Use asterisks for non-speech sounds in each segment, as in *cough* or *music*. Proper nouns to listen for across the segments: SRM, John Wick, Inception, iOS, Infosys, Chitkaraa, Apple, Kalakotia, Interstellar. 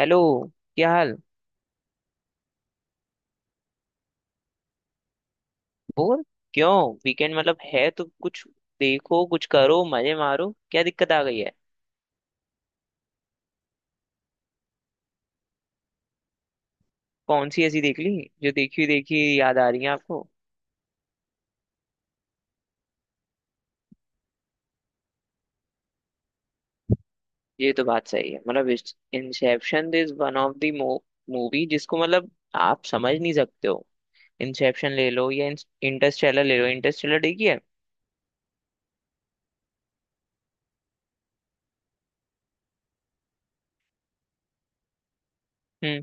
Hello. क्या हाल। Bore क्यों? वीकेंड मतलब है तो कुछ देखो, कुछ करो, मजे मारो। क्या दिक्कत आ गई है? कौन सी ऐसी देख ली जो देखी हुई याद आ रही है आपको? ये तो बात सही है मतलब। Inception is one of the movie जिसको मतलब आप समझ नहीं सकते हो। इंसेप्शन ले लो या इंटरस्टेलर ले लो। इंटरस्टेलर देखी है? हम्म।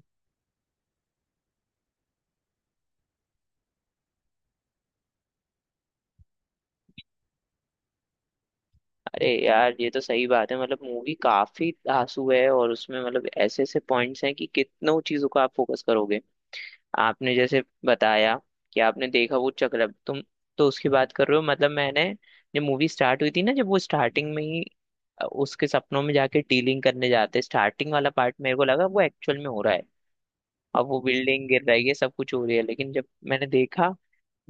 अरे यार ये तो सही बात है मतलब। मूवी काफी धांसू है और उसमें मतलब ऐसे ऐसे पॉइंट्स हैं कि कितनों चीजों को आप फोकस करोगे। आपने जैसे बताया कि आपने देखा वो चक्रम, तुम तो उसकी बात कर रहे हो। मतलब मैंने, जब मूवी स्टार्ट हुई थी ना, जब वो स्टार्टिंग में ही उसके सपनों में जाके डीलिंग करने जाते, स्टार्टिंग वाला पार्ट मेरे को लगा वो एक्चुअल में हो रहा है। अब वो बिल्डिंग गिर रही है, सब कुछ हो रही है, लेकिन जब मैंने देखा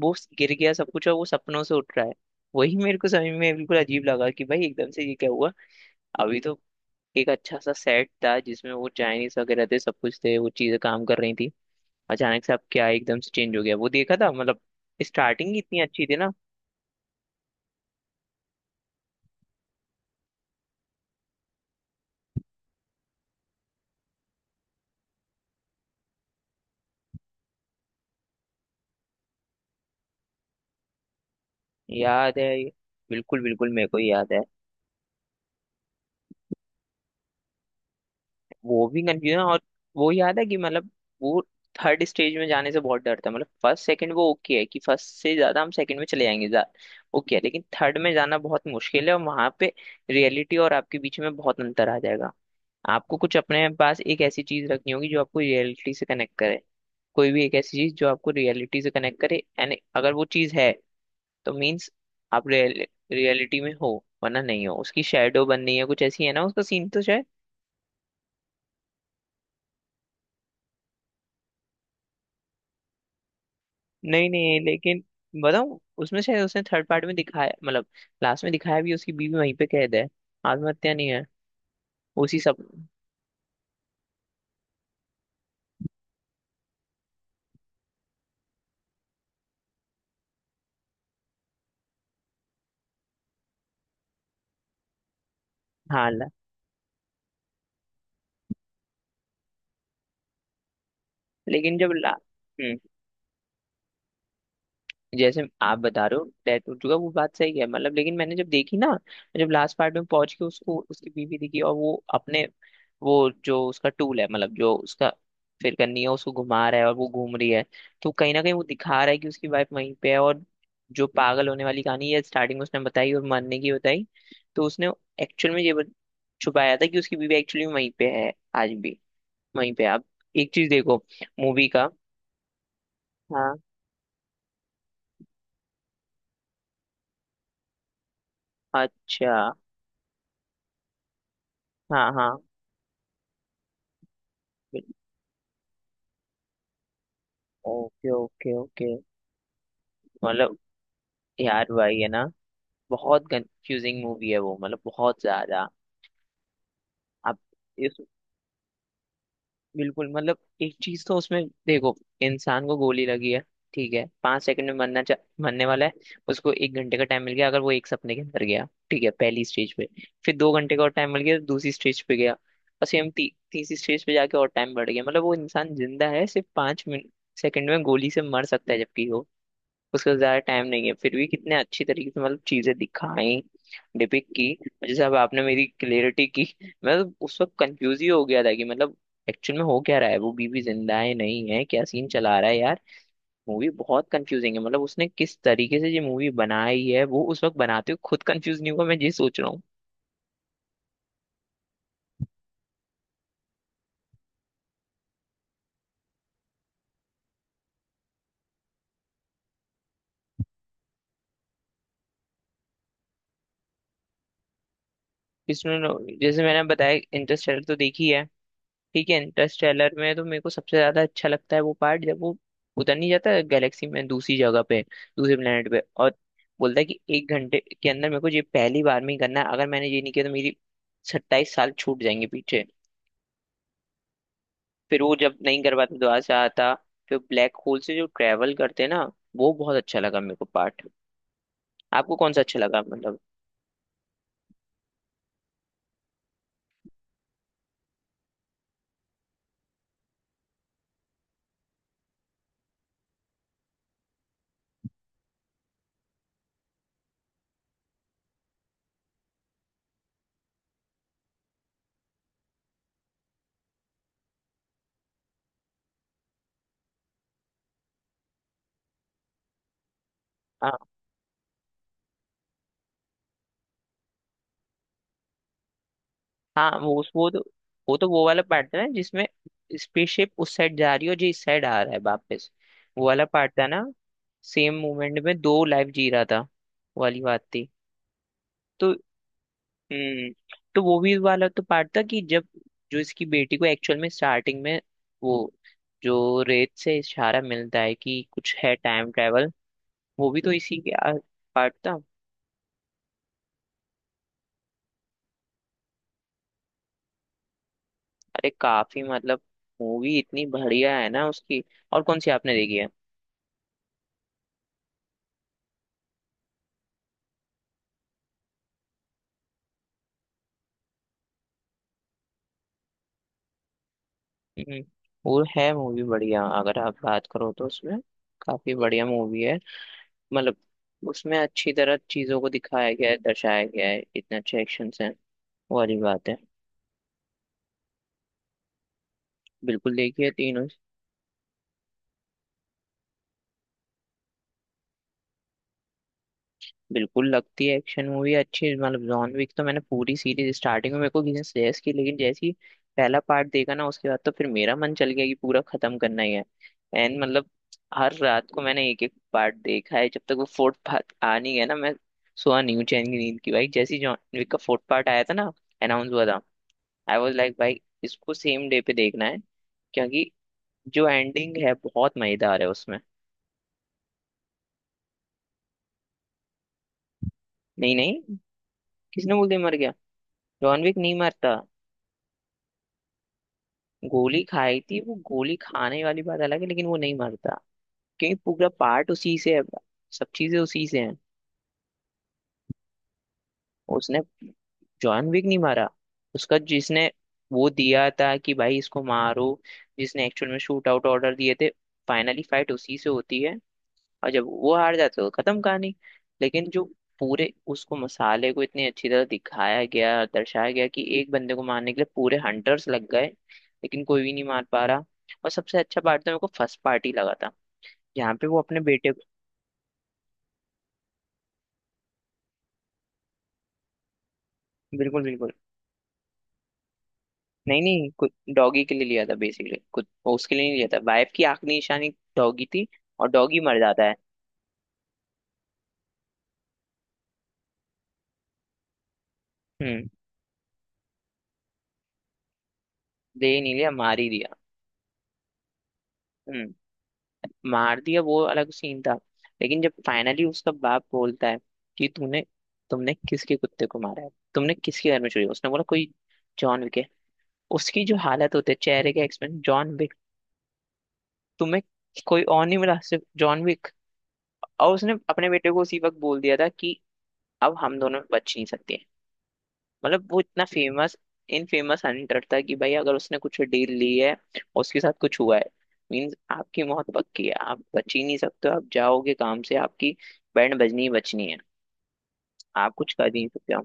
वो गिर गया सब कुछ और वो सपनों से उठ रहा है, वही मेरे को समझ में बिल्कुल अजीब लगा कि भाई एकदम से ये क्या हुआ। अभी तो एक अच्छा सा सेट था जिसमें वो चाइनीस वगैरह थे, सब कुछ थे, वो चीजें काम कर रही थी। अचानक से अब क्या एकदम से चेंज हो गया? वो देखा था मतलब, स्टार्टिंग ही इतनी अच्छी थी ना। याद है ये। बिल्कुल बिल्कुल मेरे को ही याद है। वो भी कंफ्यूजन, और वो याद है कि मतलब वो थर्ड स्टेज में जाने से बहुत डरता है, मतलब फर्स्ट सेकंड वो ओके है कि फर्स्ट से ज्यादा हम सेकंड में चले जाएंगे, ओके है। लेकिन थर्ड में जाना बहुत मुश्किल है, और वहां पे रियलिटी और आपके बीच में बहुत अंतर आ जाएगा। आपको कुछ अपने पास एक ऐसी चीज रखनी होगी जो आपको रियलिटी से कनेक्ट करे। कोई भी एक ऐसी चीज जो आपको रियलिटी से कनेक्ट करे, एंड अगर वो चीज है तो मीन्स आप रियलिटी में हो, वरना नहीं हो, उसकी शेडो बननी है। कुछ ऐसी है ना उसका सीन तो शायद। नहीं नहीं है, लेकिन बताऊं, उसमें शायद उसने थर्ड पार्ट में दिखाया, मतलब लास्ट में दिखाया भी, उसकी बीवी वहीं पे कैद है, आत्महत्या नहीं है। उसी सब। हाँ लेकिन जब ला जैसे आप बता रहे हो डेथ हो चुका, वो बात सही है मतलब, लेकिन मैंने जब देखी ना, जब लास्ट पार्ट में पहुंच के उसको उसकी बीवी दिखी, और वो अपने, वो जो उसका टूल है मतलब, जो उसका फिर करनी है उसको घुमा रहा है और वो घूम रही है, तो कहीं ना कहीं वो दिखा रहा है कि उसकी वाइफ वहीं पे है। और जो पागल होने वाली कहानी है स्टार्टिंग में उसने बताई और मरने की बताई, तो उसने एक्चुअल में ये छुपाया था कि उसकी बीवी एक्चुअली वहीं पे है आज भी, वहीं पे है। अब एक चीज देखो, मूवी का। हाँ। अच्छा। हाँ हाँ। Okay okay okay. मतलब यार भाई है ना, बहुत कंफ्यूजिंग मूवी है वो मतलब, बहुत ज्यादा। अब इस बिल्कुल मतलब एक चीज तो उसमें देखो, इंसान को गोली लगी है ठीक है, 5 सेकंड में मरने वाला है, उसको 1 घंटे का टाइम मिल गया अगर वो एक सपने के अंदर गया, ठीक है, पहली स्टेज पे। फिर 2 घंटे का और टाइम मिल गया, दूसरी स्टेज पे गया, और सेम तीसरी स्टेज पे जाके और टाइम बढ़ गया, मतलब वो इंसान जिंदा है सिर्फ 5 मिनट, सेकंड में गोली से मर सकता है, जबकि वो, उसके पास ज्यादा टाइम नहीं है, फिर भी कितने अच्छी तरीके से मतलब चीजें दिखाई, डिपिक्ट की। जैसे अब आपने मेरी क्लियरिटी की *laughs* मैं तो उस वक्त कंफ्यूज ही हो गया था कि मतलब एक्चुअल में हो क्या रहा है, वो बीवी जिंदा है नहीं है, क्या सीन चला रहा है यार। मूवी बहुत कंफ्यूजिंग है, मतलब उसने किस तरीके से ये मूवी बनाई है, वो उस वक्त बनाते हुए खुद कंफ्यूज नहीं हुआ, मैं ये सोच रहा हूँ। इसमें जैसे मैंने बताया, इंटरस्टेलर तो देखी है ठीक है, इंटरस्टेलर में तो मेरे को सबसे ज्यादा अच्छा लगता है वो पार्ट, जब वो उतर नहीं जाता गैलेक्सी में दूसरी जगह पे, दूसरे प्लेनेट पे, और बोलता है कि 1 घंटे के अंदर मेरे को ये पहली बार में ही करना है, अगर मैंने ये नहीं किया तो मेरी 27 साल छूट जाएंगे पीछे। फिर वो जब नहीं कर पाता, दोबारा से आता, फिर ब्लैक होल से जो ट्रेवल करते हैं ना, वो बहुत अच्छा लगा मेरे को पार्ट। आपको कौन सा अच्छा लगा मतलब? हाँ। हाँ, वो वाला पार्ट था ना जिसमें स्पेसशिप उस साइड जा रही है और जी इस साइड आ रहा है वापस, वो वाला पार्ट था ना। सेम मूवमेंट में दो लाइफ जी रहा था, वो वाली बात थी। तो हम्म तो वो भी वाला तो पार्ट था कि जब, जो इसकी बेटी को एक्चुअल में स्टार्टिंग में वो जो रेत से इशारा मिलता है कि कुछ है टाइम ट्रेवल, वो भी तो इसी के पार्ट था। अरे काफी मतलब, मूवी इतनी बढ़िया है ना उसकी। और कौन सी आपने देखी है? हम्म, वो है मूवी बढ़िया, अगर आप बात करो तो उसमें काफी बढ़िया मूवी है, मतलब उसमें अच्छी तरह चीजों को दिखाया गया है, दर्शाया गया है, इतने अच्छे एक्शन हैं, वो वाली बात है। बिल्कुल, देखिए तीनों। बिल्कुल लगती है एक्शन मूवी अच्छी, मतलब जॉन विक तो मैंने पूरी सीरीज, स्टार्टिंग में मेरे को किसी ने सजेस्ट की, लेकिन जैसे ही पहला पार्ट देखा ना, उसके बाद तो फिर मेरा मन चल गया कि पूरा खत्म करना ही है। एंड मतलब हर रात को मैंने एक एक पार्ट देखा है, जब तक वो फोर्थ पार्ट आ नहीं गया ना मैं सोया नहीं हूँ चैन की नींद की, भाई जैसे ही जॉन विक का फोर्थ पार्ट आया था ना, अनाउंस हुआ था, आई वॉज लाइक भाई इसको सेम डे पे देखना है, क्योंकि जो एंडिंग है बहुत मजेदार है उसमें। नहीं नहीं, किसने बोल दिया मर गया? जॉन विक नहीं मरता। गोली खाई थी, वो गोली खाने वाली बात अलग है, लेकिन वो नहीं मरता, क्योंकि पूरा पार्ट उसी से है, सब चीजें उसी से हैं। उसने जॉन विक नहीं मारा, उसका जिसने वो दिया था कि भाई इसको मारो, जिसने एक्चुअल में शूट आउट ऑर्डर दिए थे, फाइनली फाइट उसी से होती है, और जब वो हार जाते हो, खत्म कहानी। लेकिन जो पूरे उसको मसाले को इतनी अच्छी तरह दिखाया गया, दर्शाया गया, कि एक बंदे को मारने के लिए पूरे हंटर्स लग गए, लेकिन कोई भी नहीं मार पा रहा। और सबसे अच्छा पार्ट तो मेरे को फर्स्ट पार्ट ही लगा था, जहाँ पे वो अपने बेटे को। बिल्कुल बिल्कुल। नहीं नहीं, डॉगी के लिए लिया था, बेसिकली कुछ, उसके लिए नहीं लिया था, वाइफ की आखिरी निशानी डॉगी थी, और डॉगी मर जाता है। हम्म। दे ही नहीं लिया, मार ही दिया। हम्म। मार दिया, वो अलग सीन था, लेकिन जब फाइनली उसका बाप बोलता है कि तूने तुमने किसके कुत्ते को मारा है, तुमने किसके घर में चोरी, उसने बोला कोई, जॉन विक है। उसकी जो हालत होती है चेहरे के एक्सप्रेशन, जॉन विक, तुम्हें कोई और नहीं मिला सिर्फ जॉन विक? और उसने अपने बेटे को उसी वक्त बोल दिया था कि अब हम दोनों में बच नहीं सकते, मतलब वो इतना फेमस, इन फेमस हंटर था कि भाई अगर उसने कुछ डील ली है और उसके साथ कुछ हुआ है, मीन्स आपकी मौत पक्की है, आप बच ही नहीं सकते हो, आप जाओगे काम से, आपकी बैंड बजनी ही बचनी है, आप कुछ कर ही नहीं सकते हो।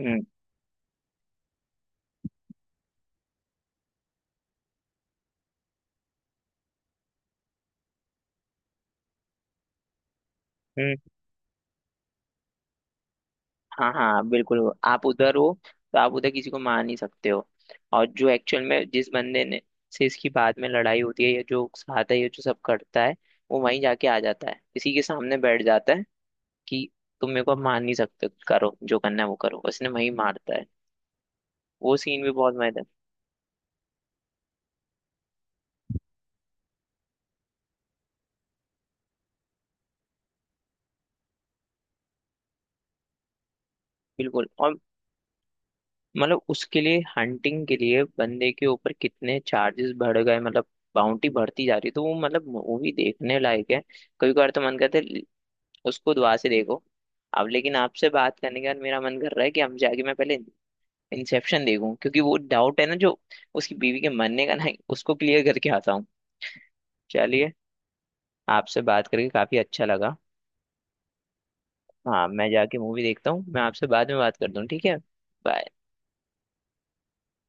हम्म। हम्म। हाँ हाँ बिल्कुल, आप उधर हो तो आप उधर किसी को मार नहीं सकते हो। और जो एक्चुअल में जिस बंदे ने से इसकी बाद में लड़ाई होती है, या जो साथ है या जो सब करता है, वो वहीं जाके आ जाता है, किसी के सामने बैठ जाता है कि तुम मेरे को अब मान नहीं सकते, करो जो करना है वो करो, उसने वही मारता है, वो सीन भी बहुत मजेदार है। बिल्कुल। और मतलब उसके लिए हंटिंग के लिए बंदे के ऊपर कितने चार्जेस बढ़ गए, मतलब बाउंटी बढ़ती जा रही है, तो वो मतलब मूवी देखने लायक है। कभी कभार तो मन करता है उसको दुआ से देखो। अब लेकिन आपसे बात करने के बाद मेरा मन कर रहा है कि हम जाके मैं पहले इंसेप्शन देखूं, क्योंकि वो डाउट है ना जो उसकी बीवी के मरने का ना, उसको क्लियर करके आता हूँ। चलिए, आपसे बात करके काफी अच्छा लगा। हाँ मैं जाके मूवी देखता हूँ, मैं आपसे बाद में बात करता हूँ ठीक है। बाय।